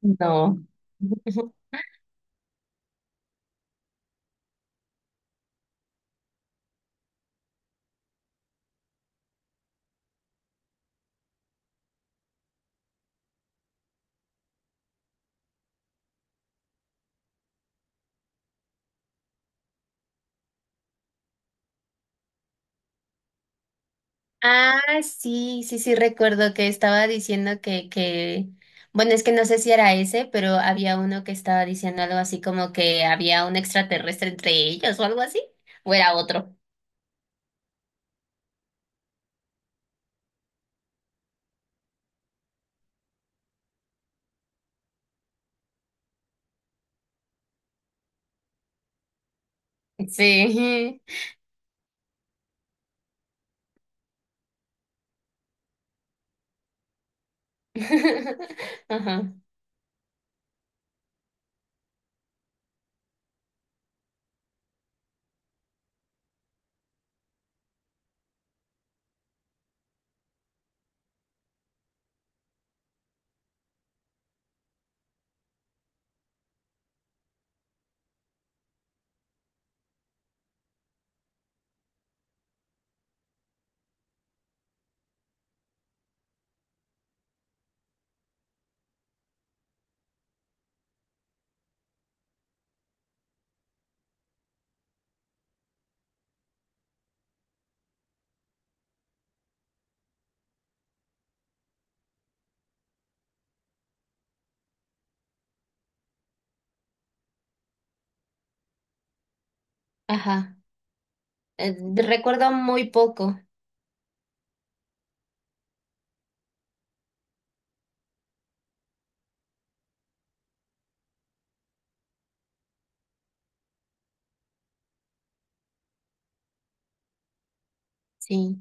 No. Ah, sí, sí, sí, recuerdo que estaba diciendo bueno, es que no sé si era ese, pero había uno que estaba diciendo algo así como que había un extraterrestre entre ellos o algo así, o era otro. Sí. Ajá, ajá. Recuerdo muy poco, sí.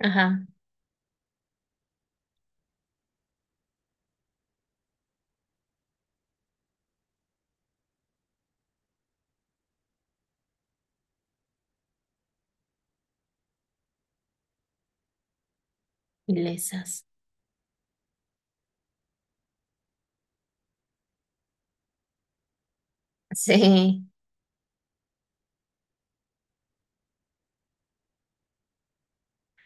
Ajá, ilesas. Sí.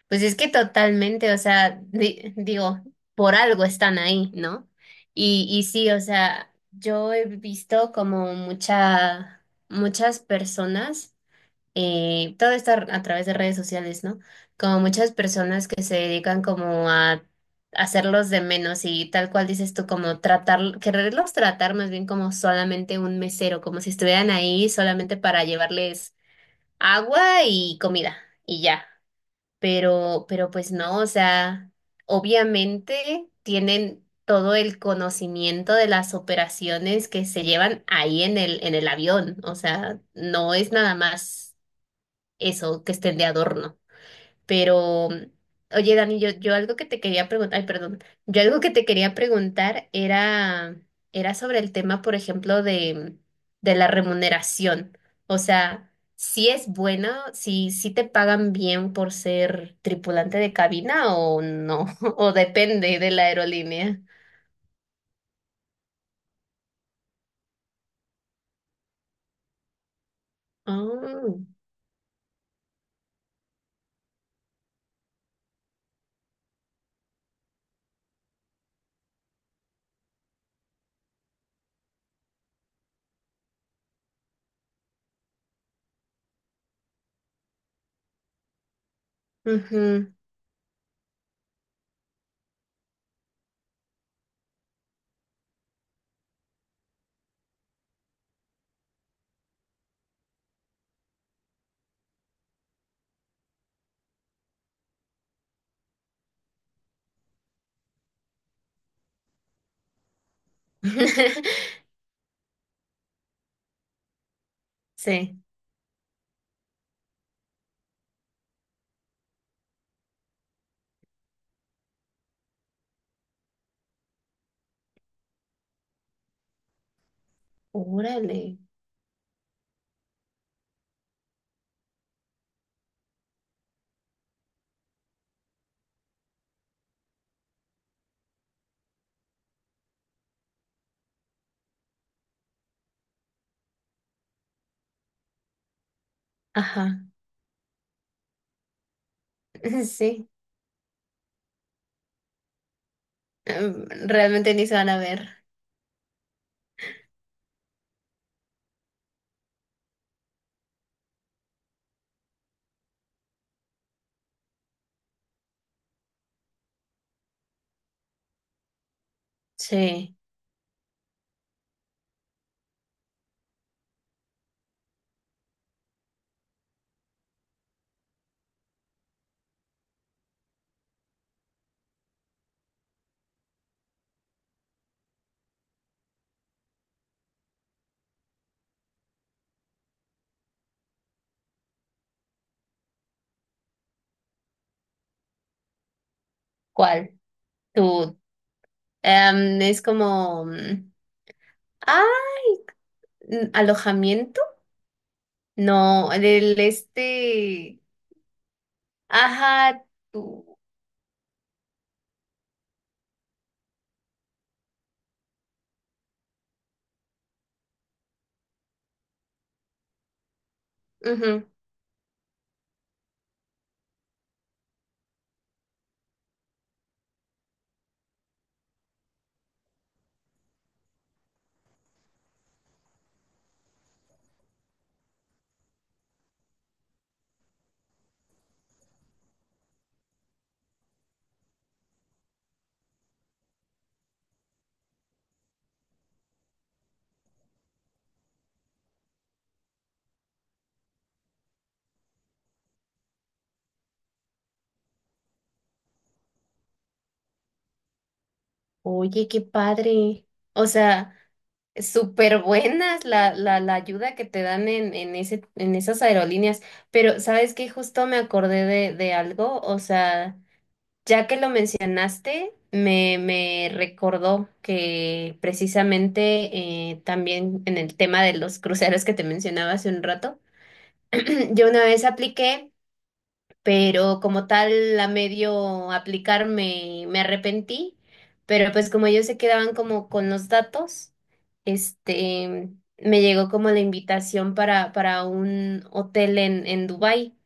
Pues es que totalmente, o sea, digo, por algo están ahí, ¿no? Y sí, o sea, yo he visto como muchas personas, todo esto a través de redes sociales, ¿no? Como muchas personas que se dedican como a hacerlos de menos y tal cual dices tú, como tratar, quererlos tratar más bien como solamente un mesero, como si estuvieran ahí solamente para llevarles agua y comida y ya, pero, pues no, o sea, obviamente tienen todo el conocimiento de las operaciones que se llevan ahí en en el avión, o sea, no es nada más eso que estén de adorno. Pero, oye, Dani, yo algo que te quería preguntar, ay, perdón, yo algo que te quería preguntar era, era sobre el tema, por ejemplo, de la remuneración. O sea, si es buena, si te pagan bien por ser tripulante de cabina o no, o depende de la aerolínea. Oh, ujú. Sí. Órale. Ajá. Sí. Realmente ni se van a ver. Sí. ¿Cuál? Tú, em, es como, mm, ah, mm, alojamiento, no, del este, ajá, tú, ujú. Oye, qué padre, o sea, súper buenas la ayuda que te dan en, en esas aerolíneas, pero ¿sabes qué? Justo me acordé de algo, o sea. Ya que lo mencionaste, me recordó que precisamente también en el tema de los cruceros que te mencionaba hace un rato, yo una vez apliqué, pero como tal a medio aplicar me arrepentí, pero pues como ellos se quedaban como con los datos, este, me llegó como la invitación para un hotel en Dubái.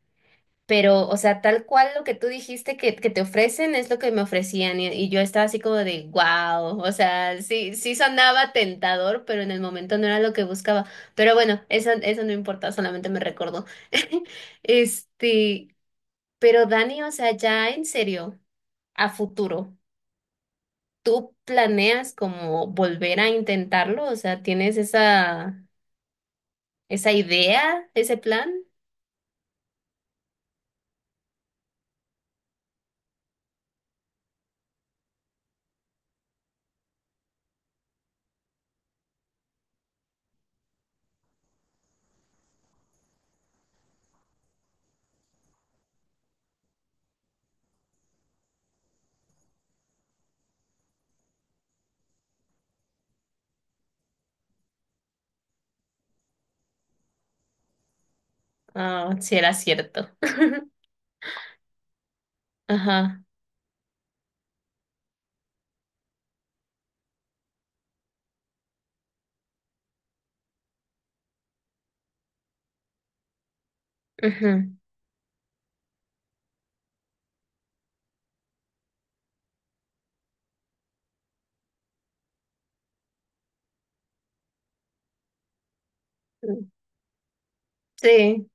Pero, o sea, tal cual lo que tú dijiste que te ofrecen es lo que me ofrecían y yo estaba así como de, wow, o sea, sí, sí sonaba tentador, pero en el momento no era lo que buscaba. Pero bueno, eso no importa, solamente me recordó. Este, pero Dani, o sea, ya en serio, a futuro, ¿tú planeas como volver a intentarlo? O sea, ¿tienes esa, esa idea, ese plan? Ah, si era cierto. Ajá. Ujú. Sí.